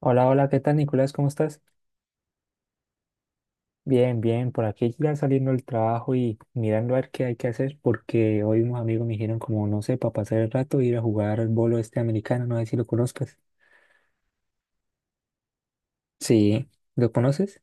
Hola, hola, ¿qué tal, Nicolás? ¿Cómo estás? Bien, bien, por aquí ya saliendo del trabajo y mirando a ver qué hay que hacer porque hoy unos amigos me dijeron como, no sé, para pasar el rato ir a jugar al bolo este americano, no sé si lo conozcas. Sí, ¿lo conoces?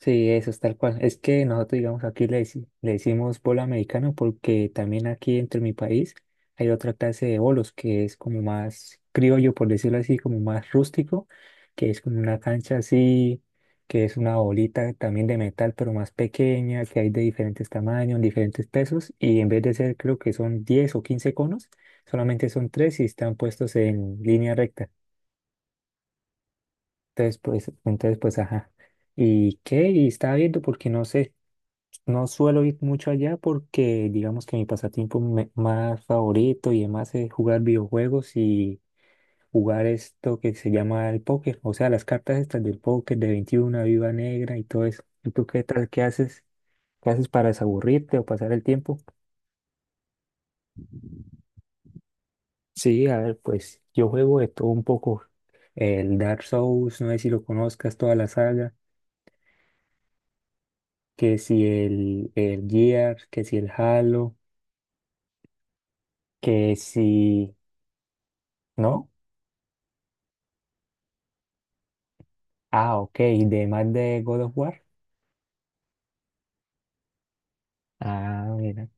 Sí, eso es tal cual. Es que nosotros, digamos, aquí le, le decimos bolo americano porque también aquí entre mi país hay otra clase de bolos que es como más criollo, por decirlo así, como más rústico, que es como una cancha así, que es una bolita también de metal, pero más pequeña, que hay de diferentes tamaños, diferentes pesos, y en vez de ser, creo que son 10 o 15 conos, solamente son 3 y están puestos en línea recta. Entonces, pues, ajá. ¿Y qué? Y estaba viendo porque no sé. No suelo ir mucho allá porque digamos que mi pasatiempo más favorito y demás es jugar videojuegos y jugar esto que se llama el póker, o sea, las cartas estas del póker de 21, viva negra y todo eso. ¿Y tú qué tal? ¿Qué haces? ¿Qué haces para desaburrirte o pasar el tiempo? Sí, a ver, pues yo juego de todo un poco. El Dark Souls, no sé si lo conozcas, toda la saga, que si el, el Gears, que si el Halo, que si... ¿No? Ah, ok, de más de God of War. Ah, mira.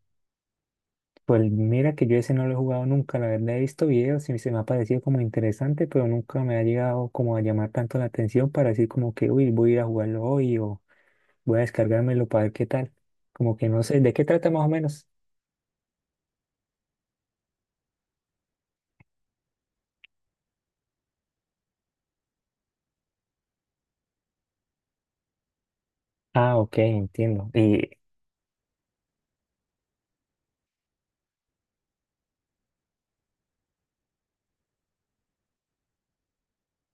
Pues mira que yo ese no lo he jugado nunca, la verdad he visto videos y se me ha parecido como interesante, pero nunca me ha llegado como a llamar tanto la atención para decir como que, uy, voy a ir a jugarlo hoy o voy a descargármelo para ver qué tal. Como que no sé, ¿de qué trata más o menos? Ah, ok, entiendo. ¿Y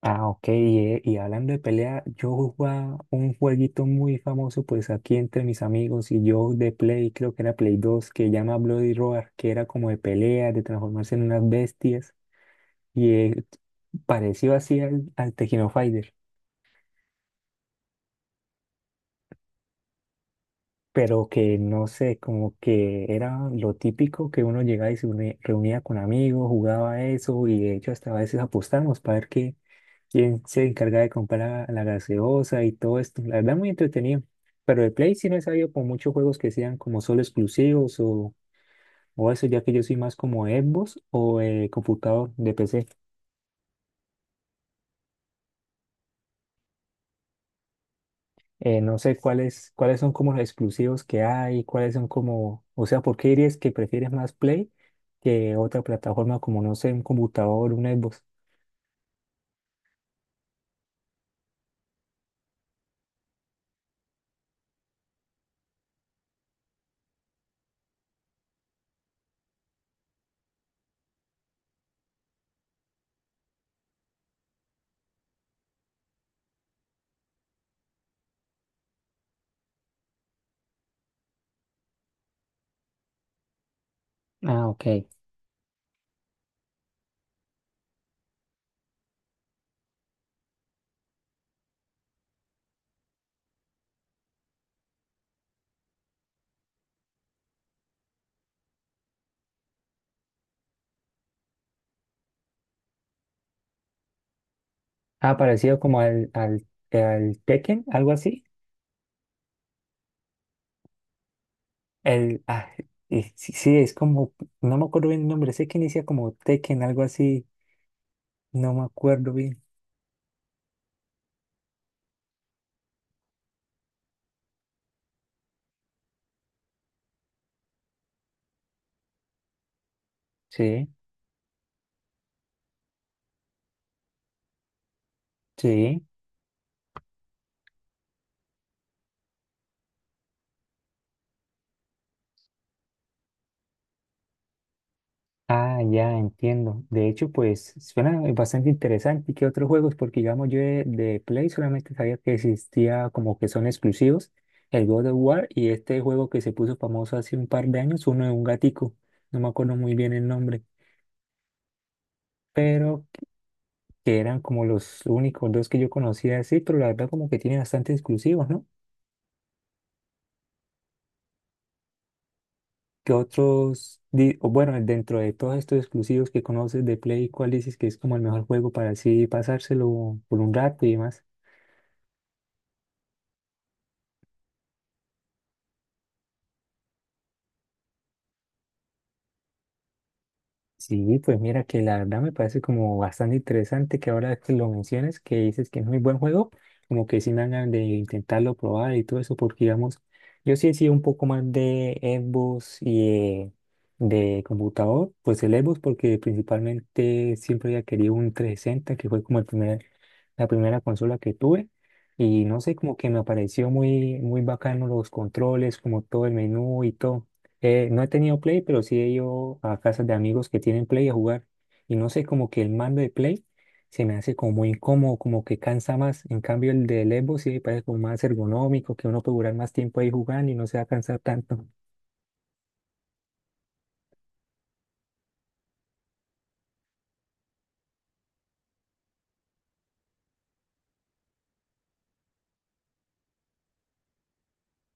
ah, ok. Y hablando de pelea, yo jugaba un jueguito muy famoso, pues aquí entre mis amigos y yo de Play, creo que era Play 2, que llama Bloody Roar, que era como de pelea, de transformarse en unas bestias, y parecido así al, al Tekken Fighter, pero que no sé, como que era lo típico que uno llegaba y reunía con amigos, jugaba eso, y de hecho hasta a veces apostamos para ver qué quién se encarga de comprar la, gaseosa y todo esto. La verdad, muy entretenido. Pero de Play sí no he sabido con muchos juegos que sean como solo exclusivos o eso, ya que yo soy más como Xbox o computador de PC. No sé cuáles, cuáles son como los exclusivos que hay, cuáles son como, o sea, ¿por qué dirías que prefieres más Play que otra plataforma como, no sé, un computador, un Xbox? Ah, ok. Ah, parecido como al, al, al Tekken, algo así. El, ah, y sí, sí, es como, no me acuerdo bien el nombre, sé que inicia como Tekken, algo así, no me acuerdo bien. Sí, sí. Ah, ya entiendo. De hecho, pues suena bastante interesante. ¿Y qué otros juegos? Porque digamos, yo de Play solamente sabía que existía como que son exclusivos, el God of War y este juego que se puso famoso hace un par de años, uno de un gatico, no me acuerdo muy bien el nombre pero que eran como los únicos dos que yo conocía así, pero la verdad como que tiene bastante exclusivos, ¿no? ¿Qué otros, o bueno, dentro de todos estos exclusivos que conoces de Play, cuál dices que es como el mejor juego para así pasárselo por un rato y demás? Sí, pues mira que la verdad me parece como bastante interesante que ahora que lo menciones, que dices que es muy buen juego, como que sí me dan ganas de intentarlo probar y todo eso, porque digamos, yo sí he sido un poco más de Xbox y de computador, pues el Xbox porque principalmente siempre había querido un 360, que fue como el primer, la primera consola que tuve, y no sé, como que me pareció muy, muy bacano los controles, como todo el menú y todo. No he tenido Play, pero sí he ido a casas de amigos que tienen Play a jugar. Y no sé, como que el mando de Play se me hace como muy incómodo, como que cansa más. En cambio, el del Evo sí me parece como más ergonómico, que uno puede durar más tiempo ahí jugando y no se va a cansar tanto.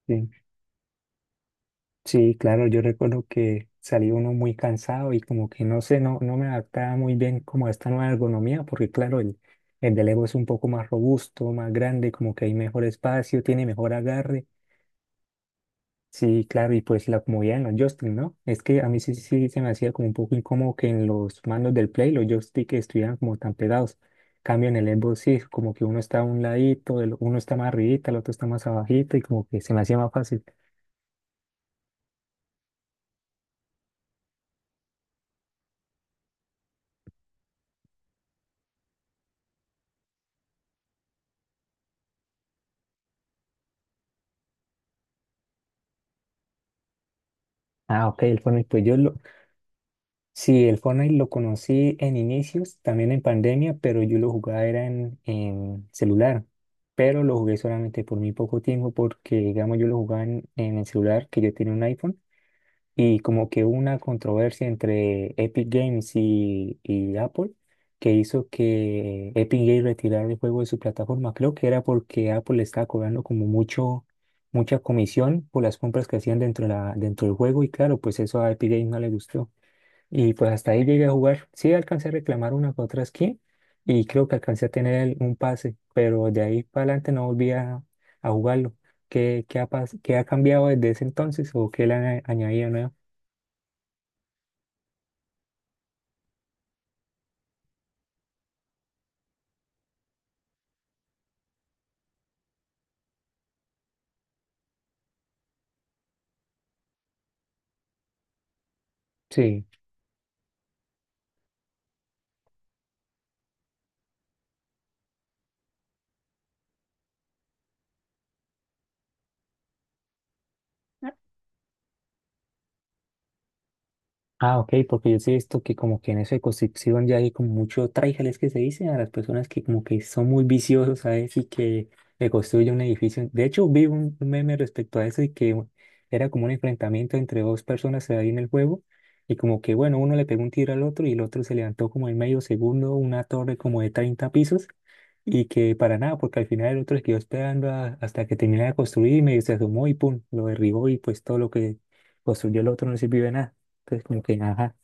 Sí, sí, claro, yo recuerdo que salí uno muy cansado y como que no sé, no, no me adaptaba muy bien como a esta nueva ergonomía, porque claro, el del Evo es un poco más robusto, más grande, como que hay mejor espacio, tiene mejor agarre. Sí, claro, y pues la comodidad en los joystick, ¿no? Es que a mí sí, sí se me hacía como un poco incómodo que en los mandos del Play los joystick estuvieran como tan pegados. Cambio en el Xbox sí, como que uno está a un ladito, uno está más arribita, el otro está más abajito y como que se me hacía más fácil. Ah, ok, el Fortnite, pues yo lo... Sí, el Fortnite lo conocí en inicios, también en pandemia, pero yo lo jugaba era en celular. Pero lo jugué solamente por muy poco tiempo porque, digamos, yo lo jugaba en el celular, que yo tenía un iPhone. Y como que hubo una controversia entre Epic Games y Apple que hizo que Epic Games retirara el juego de su plataforma. Creo que era porque Apple le estaba cobrando como mucho, mucha comisión por las compras que hacían dentro, de la, dentro del juego y claro, pues eso a Epic Games no le gustó. Y pues hasta ahí llegué a jugar. Sí, alcancé a reclamar una que otra skin y creo que alcancé a tener un pase, pero de ahí para adelante no volví a jugarlo. ¿Qué, qué ha, qué ha cambiado desde ese entonces o qué le han añadido nuevo? Sí. Ah, ok, porque yo sí he visto que como que en esa circunscripción ya hay como mucho tráileres que se dice a las personas que como que son muy viciosos, ¿sabes? Y que le construyen un edificio. De hecho, vi un meme respecto a eso y que era como un enfrentamiento entre dos personas ahí en el juego y como que, bueno, uno le pegó un tiro al otro y el otro se levantó como en medio segundo una torre como de 30 pisos y que para nada, porque al final el otro se quedó esperando hasta que terminara de construir y medio se asomó y pum, lo derribó y pues todo lo que construyó el otro no sirvió de nada. Entonces, como que, ajá.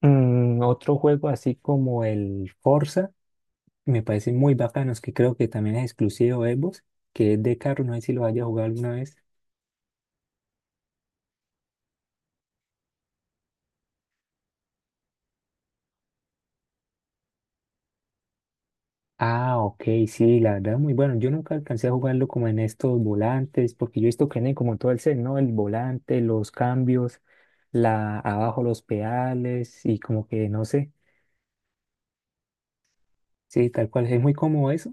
Mm, otro juego así como el Forza, que me parece muy bacano es que creo que también es exclusivo de Xbox, que es de carro, no sé si lo haya jugado alguna vez. Ah, ok, sí, la verdad, muy bueno. Yo nunca alcancé a jugarlo como en estos volantes, porque yo he visto que tiene como todo el set, ¿no? El volante, los cambios, la, abajo los pedales y como que, no sé, sí, tal cual, es muy cómodo eso.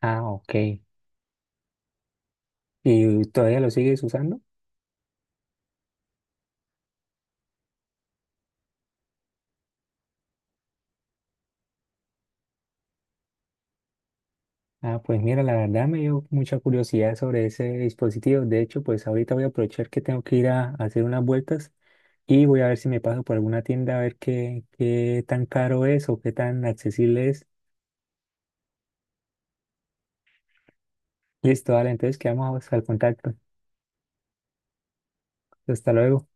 Ah, ok. ¿Y todavía lo sigues usando? Ah, pues mira, la verdad me dio mucha curiosidad sobre ese dispositivo. De hecho, pues ahorita voy a aprovechar que tengo que ir a hacer unas vueltas y voy a ver si me paso por alguna tienda a ver qué, qué tan caro es o qué tan accesible es. Listo, vale, entonces quedamos al contacto. Hasta luego.